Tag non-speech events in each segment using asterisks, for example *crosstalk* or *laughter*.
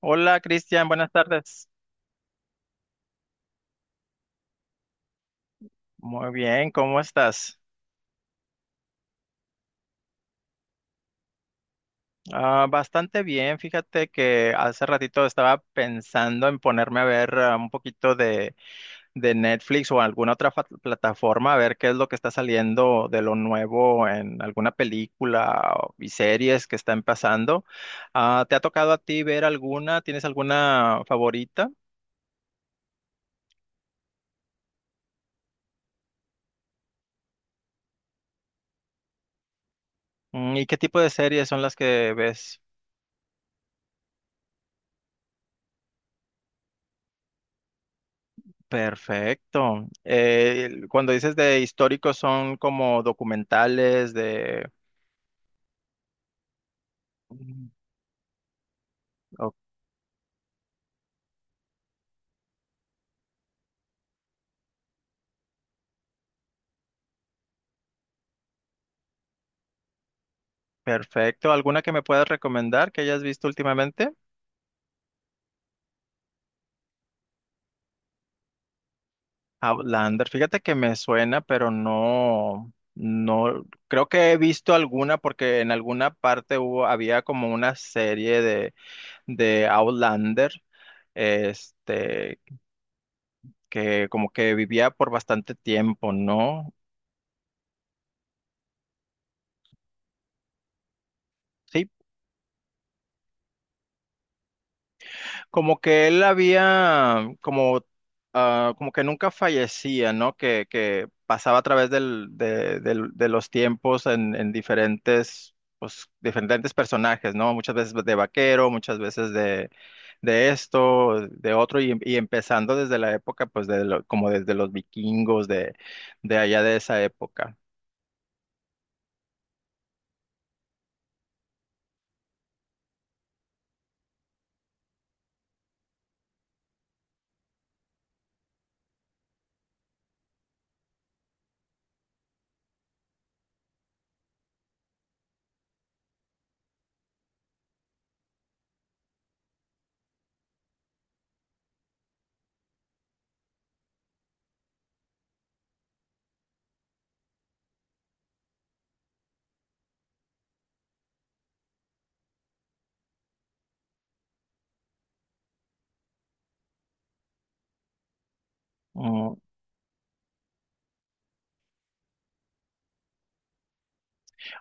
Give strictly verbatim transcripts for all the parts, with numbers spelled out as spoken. Hola Cristian, buenas tardes. Muy bien, ¿cómo estás? Ah, bastante bien, fíjate que hace ratito estaba pensando en ponerme a ver ah, un poquito de, de Netflix o alguna otra fa- plataforma, a ver qué es lo que está saliendo de lo nuevo en alguna película o- y series que están pasando. Ah, ¿te ha tocado a ti ver alguna? ¿Tienes alguna favorita? Mm, ¿Y qué tipo de series son las que ves? Perfecto. Eh, el- cuando dices de históricos son como documentales de. Mm. Oh, perfecto. ¿Alguna que me puedas recomendar que hayas visto últimamente? Outlander. Fíjate que me suena, pero no, no, creo que he visto alguna porque en alguna parte hubo, había como una serie de, de Outlander, este, que como que vivía por bastante tiempo, ¿no? Sí, Como que él había, como, ah, como que nunca fallecía, ¿no? Que, que pasaba a través del, de, del- de los tiempos en, en diferentes, pues, diferentes personajes, ¿no? Muchas veces de vaquero, muchas veces de, de esto, de otro, y, y empezando desde la época, pues, de lo- como desde los vikingos de, de allá de esa época.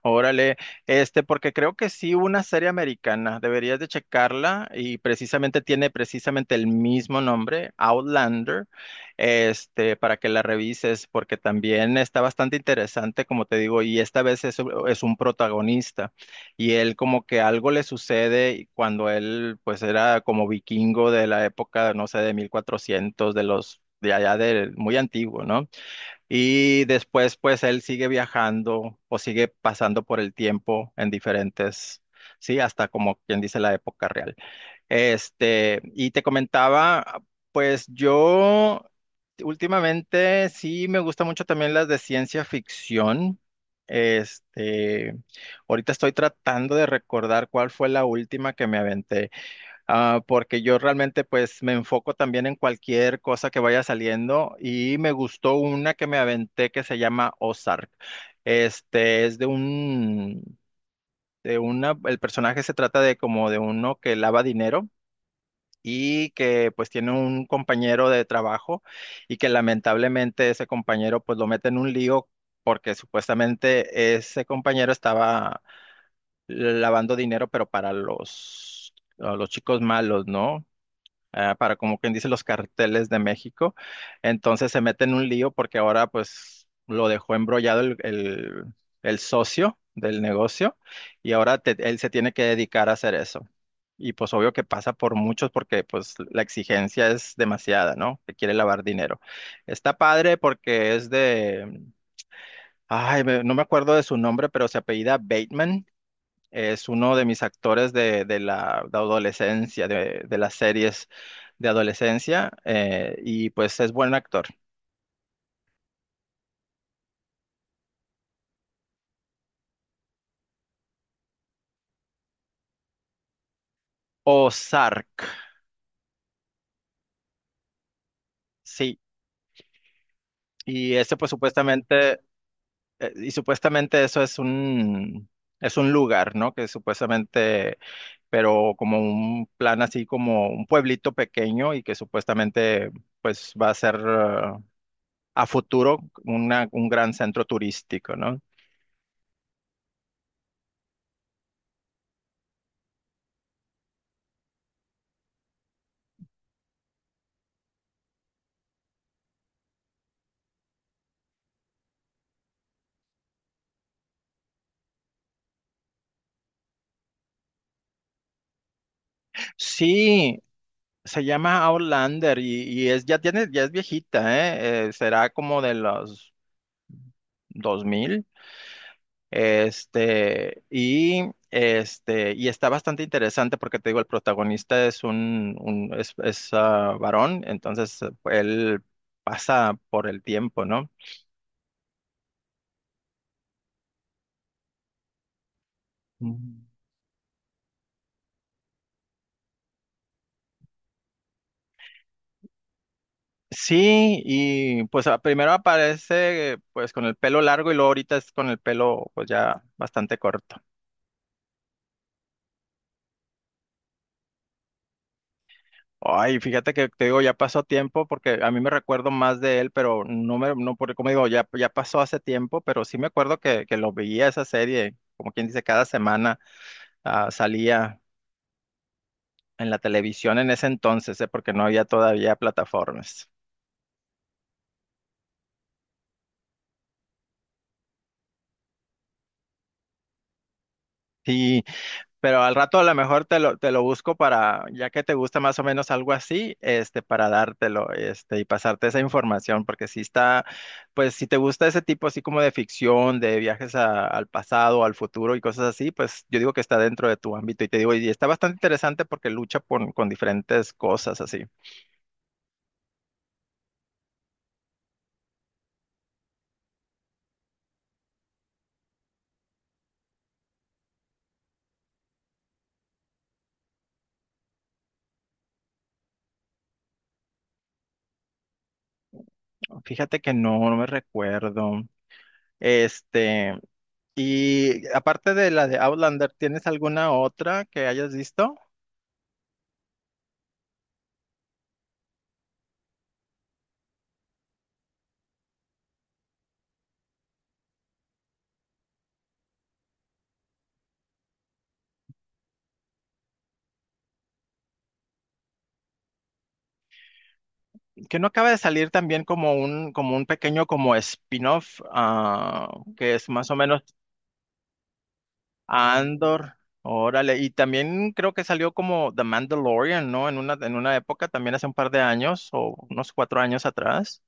Órale, este, porque creo que sí, una serie americana, deberías de checarla y precisamente tiene precisamente el mismo nombre, Outlander, este, para que la revises, porque también está bastante interesante, como te digo, y esta vez es, es un protagonista y él como que algo le sucede cuando él pues era como vikingo de la época, no sé, de mil cuatrocientos, de los... de allá de muy antiguo, ¿no? Y después, pues él sigue viajando o sigue pasando por el tiempo en diferentes, sí, hasta como quien dice la época real. Este, y te comentaba, pues yo últimamente sí me gusta mucho también las de ciencia ficción. Este, ahorita estoy tratando de recordar cuál fue la última que me aventé. Ah, porque yo realmente pues me enfoco también en cualquier cosa que vaya saliendo y me gustó una que me aventé que se llama Ozark. Este es de un, de una, el personaje se trata de como de uno que lava dinero y que pues tiene un compañero de trabajo y que lamentablemente ese compañero pues lo mete en un lío porque supuestamente ese compañero estaba lavando dinero pero para los, a los chicos malos, ¿no? ah, para como quien dice los carteles de México. Entonces se mete en un lío porque ahora pues lo dejó embrollado el, el- el socio del negocio y ahora te- él se tiene que dedicar a hacer eso. Y pues obvio que pasa por muchos porque pues la exigencia es demasiada, ¿no? Que quiere lavar dinero. Está padre porque es de, ay, me- no me acuerdo de su nombre, pero se apellida Bateman. Es uno de mis actores de, de la de adolescencia, de, de las series de adolescencia, eh, y pues es buen actor. Ozark, sí. Y ese pues supuestamente, eh, y supuestamente eso es un, es un lugar, ¿no? Que supuestamente, pero como un plan así como un pueblito pequeño y que supuestamente pues va a ser... eh, a futuro una- un gran centro turístico, ¿no? Sí, Se llama Outlander y, y es, ya tiene, ya es viejita, ¿eh? Eh, será como de los dos mil, este, y, este, y está bastante interesante porque te digo, el protagonista es un, un- es, es, ah, varón, entonces eh, él pasa por el tiempo, ¿no? Mm. Sí, y pues a- primero aparece pues con el pelo largo y luego ahorita es con el pelo pues ya bastante corto. Ay, fíjate que te digo, ya pasó tiempo porque a mí me recuerdo más de él, pero no me, no, porque como digo, ya, ya pasó hace tiempo, pero sí me acuerdo que, que lo veía esa serie, como quien dice, cada semana ah, salía en la televisión en ese entonces, eh, porque no había todavía plataformas. Sí, Pero al rato a lo mejor te lo, te lo busco para, ya que te gusta más o menos algo así, este, para dártelo, este, y pasarte esa información, porque si está, pues si te gusta ese tipo así como de ficción, de viajes a- al pasado, al futuro y cosas así, pues yo digo que está dentro de tu ámbito y te digo, y está bastante interesante porque lucha con, con diferentes cosas así. Fíjate que no, no me recuerdo. Este, y aparte de la de Outlander, ¿tienes alguna otra que hayas visto? que no acaba de salir también como un, como un pequeño como spin-off, ah, que es más o menos Andor. Órale, y también creo que salió como The Mandalorian, ¿no? En una, en una época, también hace un par de años, o unos cuatro años atrás.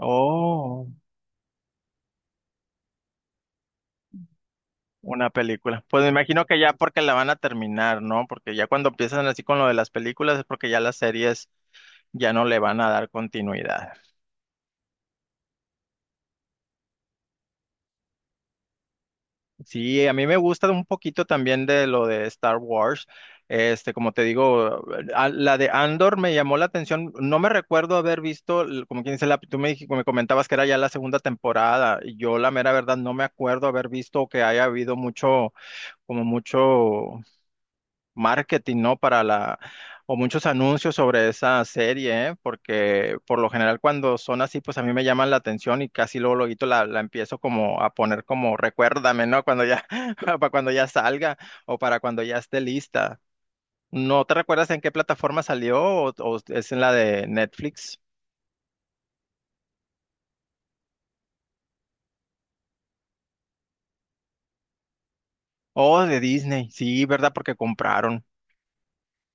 Oh, una película. Pues me imagino que ya porque la van a terminar, ¿no? Porque ya cuando empiezan así con lo de las películas es porque ya las series ya no le van a dar continuidad. Sí, a mí me gusta un poquito también de lo de Star Wars. Este, como te digo, a- la de Andor me llamó la atención. No me recuerdo haber visto, l- como quien dice, la, tú me, dij- me comentabas que era ya la segunda temporada. y Yo, la mera verdad, no me acuerdo haber visto que haya habido mucho, como mucho marketing, ¿no? Para la, o muchos anuncios sobre esa serie, ¿eh? Porque por lo general cuando son así, pues a mí me llaman la atención y casi luego, luego la, la empiezo como a poner como recuérdame, ¿no? Cuando ya, *laughs* para cuando ya salga o para cuando ya esté lista. ¿No te recuerdas en qué plataforma salió o, o es en la de Netflix o de Disney? Sí, ¿verdad? Porque compraron.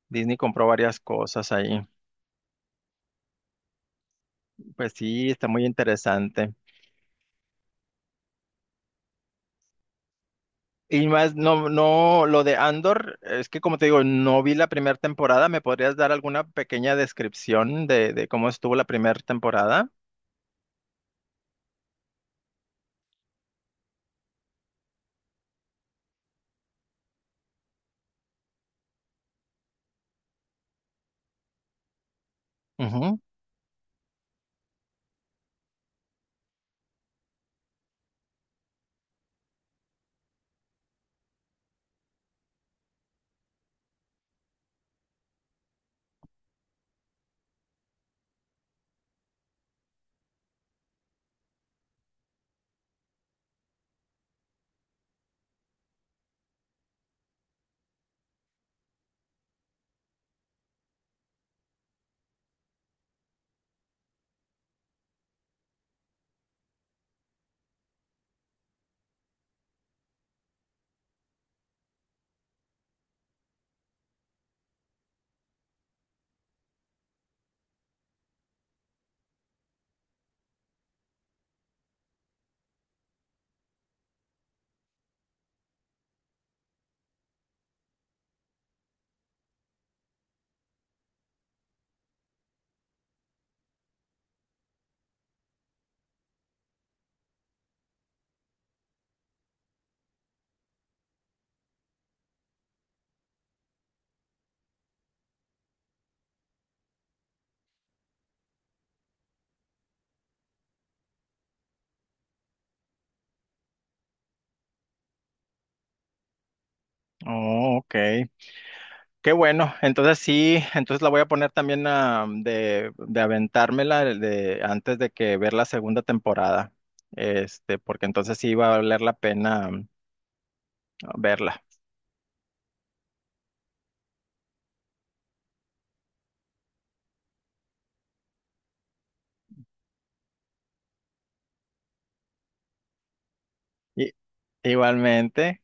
Disney compró varias cosas ahí. Pues sí, está muy interesante. Y más, no, no, lo de Andor, es que como te digo, no vi la primera temporada. ¿Me podrías dar alguna pequeña descripción de, de cómo estuvo la primera temporada? Ujú. Oh, ok. Qué bueno. Entonces sí, entonces la voy a poner también ah, de, de aventármela de, antes de que ver la segunda temporada. Este, porque entonces sí va a valer la pena, mm, verla. Y- Igualmente.